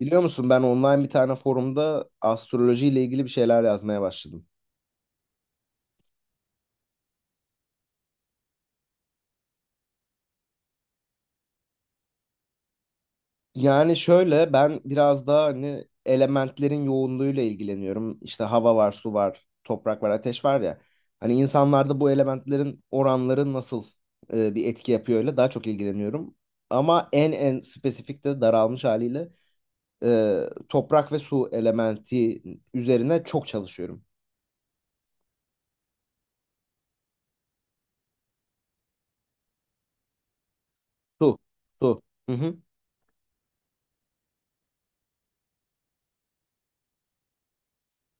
Biliyor musun ben online bir tane forumda astrolojiyle ilgili bir şeyler yazmaya başladım. Yani şöyle ben biraz daha hani elementlerin yoğunluğuyla ilgileniyorum. İşte hava var, su var, toprak var, ateş var ya. Hani insanlarda bu elementlerin oranları nasıl bir etki yapıyor öyle daha çok ilgileniyorum. Ama en spesifik de daralmış haliyle e, toprak ve su elementi üzerine çok çalışıyorum. Su, su. Hı hı.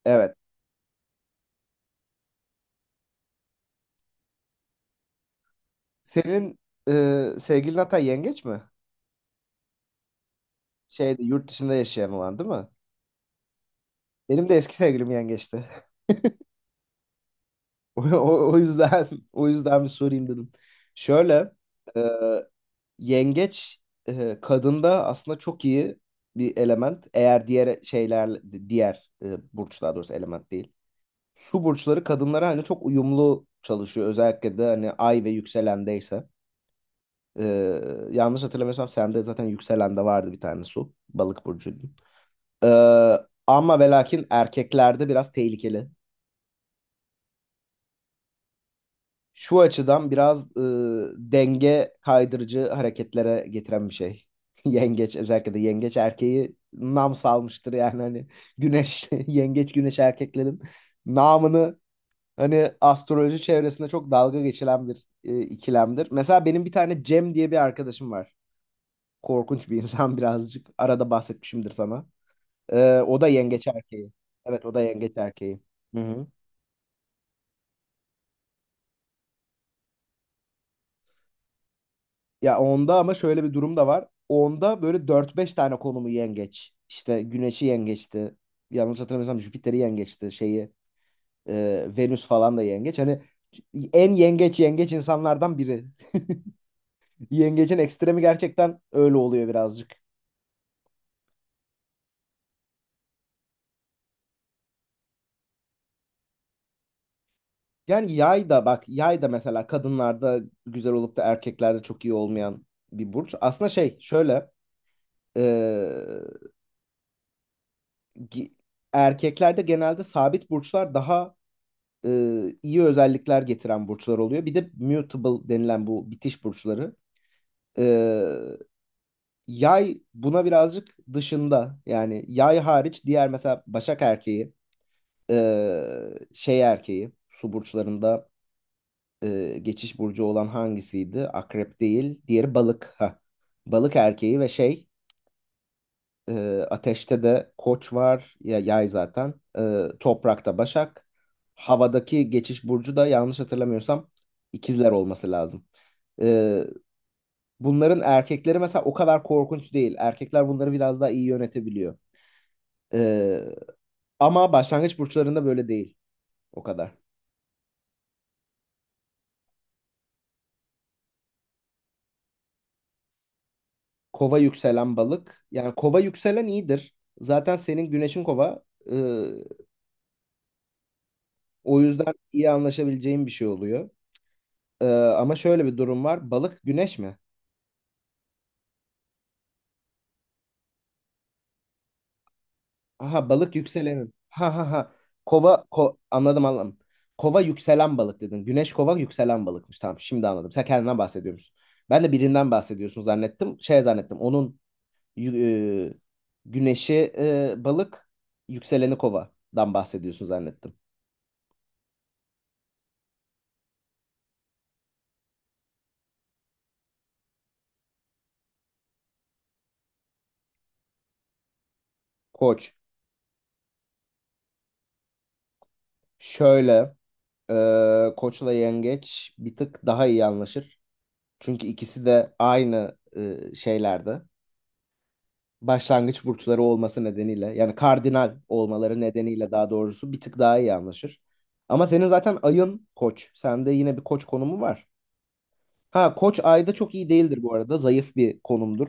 Evet. Senin sevgilin hatta yengeç mi? Şeyde yurt dışında yaşayan olan değil mi? Benim de eski sevgilim yengeçti. O, o, o yüzden o yüzden bir sorayım dedim. Şöyle e, yengeç kadında aslında çok iyi bir element. Eğer diğer şeyler diğer burç daha doğrusu element değil. Su burçları kadınlara hani çok uyumlu çalışıyor. Özellikle de hani ay ve yükselendeyse. E, Yanlış hatırlamıyorsam sende zaten yükselende vardı bir tane su. Balık burcuydun. E, Ama ve lakin erkeklerde biraz tehlikeli. Şu açıdan biraz denge kaydırıcı hareketlere getiren bir şey. Yengeç özellikle de yengeç erkeği nam salmıştır yani hani güneş yengeç güneş erkeklerin namını hani astroloji çevresinde çok dalga geçilen bir ikilemdir. Mesela benim bir tane Cem diye bir arkadaşım var. Korkunç bir insan birazcık. Arada bahsetmişimdir sana. O da yengeç erkeği. Evet o da yengeç erkeği. Hı hı. Ya onda ama şöyle bir durum da var. Onda böyle dört beş tane konumu yengeç. İşte Güneş'i yengeçti. Yanlış hatırlamıyorsam Jüpiter'i yengeçti. Şeyi Venüs falan da yengeç. Hani en yengeç yengeç insanlardan biri. Yengecin ekstremi gerçekten öyle oluyor birazcık. Yani yay da bak yay da mesela kadınlarda güzel olup da erkeklerde çok iyi olmayan bir burç. Aslında şey şöyle e, gi- erkeklerde genelde sabit burçlar daha iyi özellikler getiren burçlar oluyor. Bir de mutable denilen bu bitiş burçları. E, Yay buna birazcık dışında. Yani yay hariç diğer mesela Başak erkeği, e, şey erkeği, su burçlarında geçiş burcu olan hangisiydi? Akrep değil, diğeri balık. Ha. Balık erkeği ve şey. E, Ateşte de Koç var, ya Yay zaten. Toprakta Başak. Havadaki geçiş burcu da yanlış hatırlamıyorsam ikizler olması lazım. E, Bunların erkekleri mesela o kadar korkunç değil. Erkekler bunları biraz daha iyi yönetebiliyor. E, Ama başlangıç burçlarında böyle değil o kadar. Kova yükselen balık. Yani kova yükselen iyidir. Zaten senin güneşin kova. E, O yüzden iyi anlaşabileceğin bir şey oluyor. Ama şöyle bir durum var. Balık güneş mi? Aha balık yükselenin. Ha ha ha. Kova anladım anladım. Kova yükselen balık dedin. Güneş kova yükselen balıkmış. Tamam şimdi anladım. Sen kendinden bahsediyormuşsun. Ben de birinden bahsediyorsun zannettim. Şey zannettim. Onun yü- e, güneşi balık yükseleni kovadan bahsediyorsun zannettim. Koç. Şöyle e, koçla yengeç bir tık daha iyi anlaşır. Çünkü ikisi de aynı şeylerde. Başlangıç burçları olması nedeniyle yani kardinal olmaları nedeniyle daha doğrusu bir tık daha iyi anlaşır. Ama senin zaten ayın koç. Sende yine bir koç konumu var. Ha koç ayda çok iyi değildir bu arada. Zayıf bir konumdur.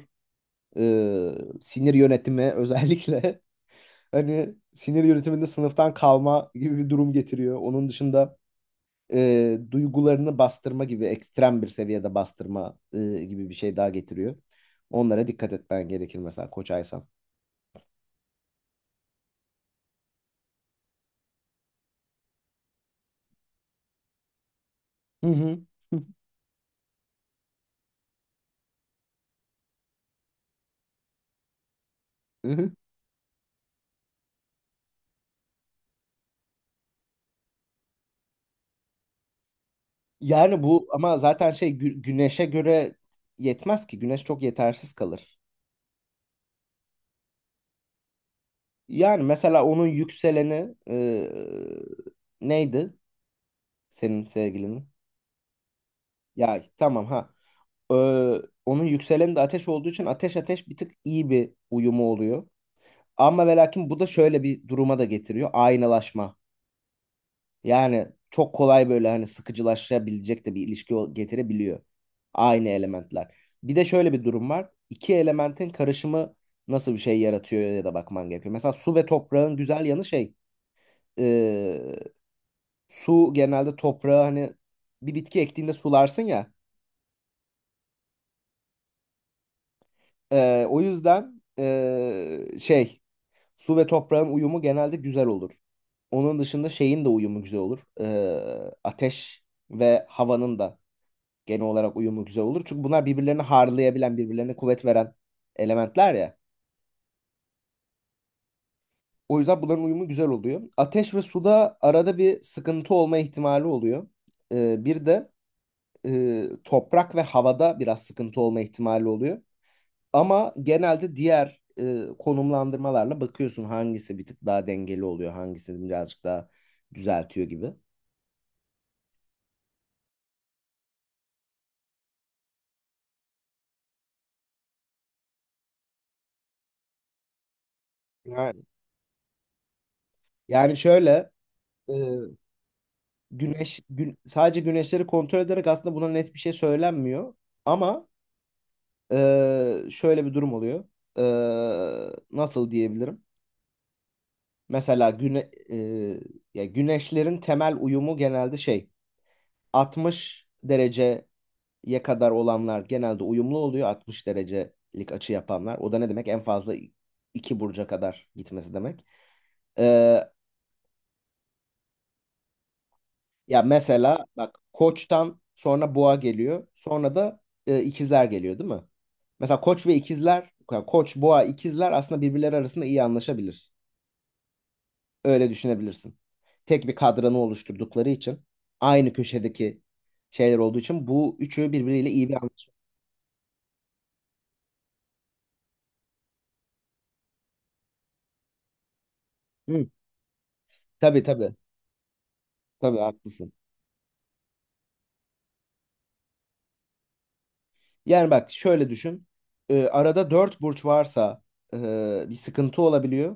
Ee, Sinir yönetimi özellikle hani sinir yönetiminde sınıftan kalma gibi bir durum getiriyor. Onun dışında duygularını bastırma gibi ekstrem bir seviyede bastırma gibi bir şey daha getiriyor. Onlara dikkat etmen gerekir mesela koç aysan. Hı hı. Yani bu ama zaten şey güneşe göre yetmez ki. Güneş çok yetersiz kalır. Yani mesela onun yükseleni neydi? Senin sevgilinin. Yay. Tamam ha. Ee, Onun yükseleni de ateş olduğu için ateş ateş bir tık iyi bir uyumu oluyor. Ama ve lakin bu da şöyle bir duruma da getiriyor. Aynalaşma. Yani çok kolay böyle hani sıkıcılaşabilecek de bir ilişki getirebiliyor. Aynı elementler. Bir de şöyle bir durum var. İki elementin karışımı nasıl bir şey yaratıyor ya da bakman gerekiyor. Mesela su ve toprağın güzel yanı şey. e, Su genelde toprağı hani bir bitki ektiğinde sularsın ya. O yüzden şey, su ve toprağın uyumu genelde güzel olur. Onun dışında şeyin de uyumu güzel olur. Ateş ve havanın da genel olarak uyumu güzel olur. Çünkü bunlar birbirlerini harlayabilen, birbirlerine kuvvet veren elementler ya. O yüzden bunların uyumu güzel oluyor. Ateş ve suda arada bir sıkıntı olma ihtimali oluyor. Bir de toprak ve havada biraz sıkıntı olma ihtimali oluyor. Ama genelde diğer konumlandırmalarla bakıyorsun, hangisi bir tık daha dengeli oluyor, hangisi birazcık daha düzeltiyor gibi. Yani Yani şöyle e, sadece güneşleri kontrol ederek aslında buna net bir şey söylenmiyor. Ama şöyle bir durum oluyor. Nasıl diyebilirim? Mesela ya güneşlerin temel uyumu genelde şey 60 dereceye kadar olanlar genelde uyumlu oluyor. 60 derecelik açı yapanlar. O da ne demek? En fazla iki burca kadar gitmesi demek. E, Ya mesela bak Koç'tan sonra Boğa geliyor. Sonra da ikizler geliyor değil mi? Mesela Koç ve ikizler, yani Koç, Boğa, ikizler aslında birbirleri arasında iyi anlaşabilir. Öyle düşünebilirsin. Tek bir kadranı oluşturdukları için aynı köşedeki şeyler olduğu için bu üçü birbiriyle iyi bir anlaşma. Hı, tabii tabii. Tabii haklısın. Yani bak şöyle düşün. Arada dört burç varsa bir sıkıntı olabiliyor.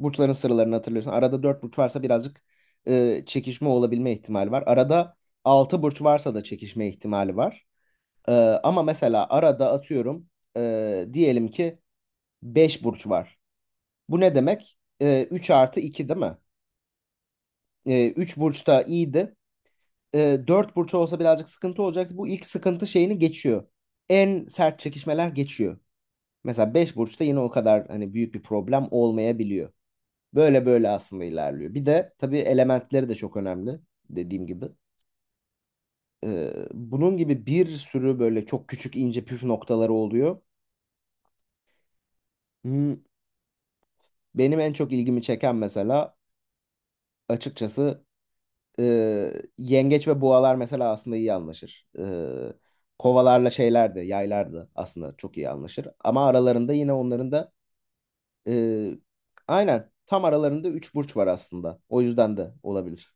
Burçların sıralarını hatırlıyorsun. Arada 4 burç varsa birazcık çekişme olabilme ihtimali var. Arada 6 burç varsa da çekişme ihtimali var. E, Ama mesela arada atıyorum diyelim ki 5 burç var. Bu ne demek? 3 artı 2 değil mi? 3 burçta iyiydi. 4 burç olsa birazcık sıkıntı olacaktı. Bu ilk sıkıntı şeyini geçiyor. En sert çekişmeler geçiyor. Mesela 5 burçta yine o kadar hani büyük bir problem olmayabiliyor. Böyle böyle aslında ilerliyor. Bir de tabii elementleri de çok önemli dediğim gibi. Bunun gibi bir sürü böyle çok küçük ince püf noktaları oluyor. Hmm, Benim en çok ilgimi çeken mesela açıkçası e, yengeç ve boğalar mesela aslında iyi anlaşır. Kovalarla şeyler de yaylar da aslında çok iyi anlaşır. Ama aralarında yine onların da e, aynen tam aralarında üç burç var aslında. O yüzden de olabilir.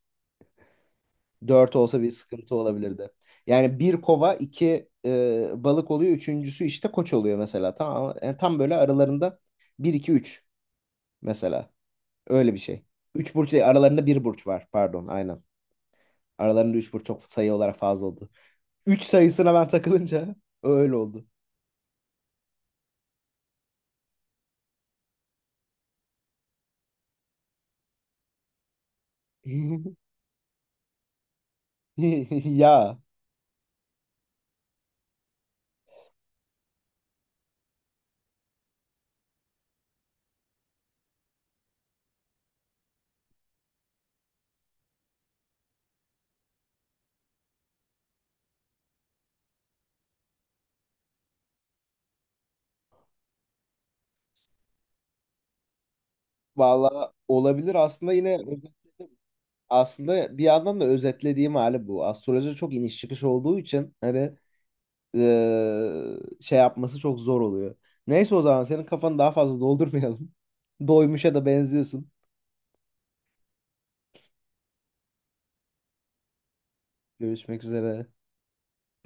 Dört olsa bir sıkıntı olabilirdi. Yani bir kova iki balık oluyor. Üçüncüsü işte koç oluyor mesela. Tam, yani tam böyle aralarında bir iki üç mesela. Öyle bir şey. Üç burç değil, aralarında bir burç var. Pardon aynen. Aralarında üç burç çok sayı olarak fazla oldu. Üç sayısına ben takılınca öyle oldu. Ya valla olabilir aslında yine aslında bir yandan da özetlediğim hali bu. Astroloji çok iniş çıkış olduğu için hani şey yapması çok zor oluyor. Neyse o zaman senin kafanı daha fazla doldurmayalım. Doymuşa da benziyorsun. Görüşmek üzere.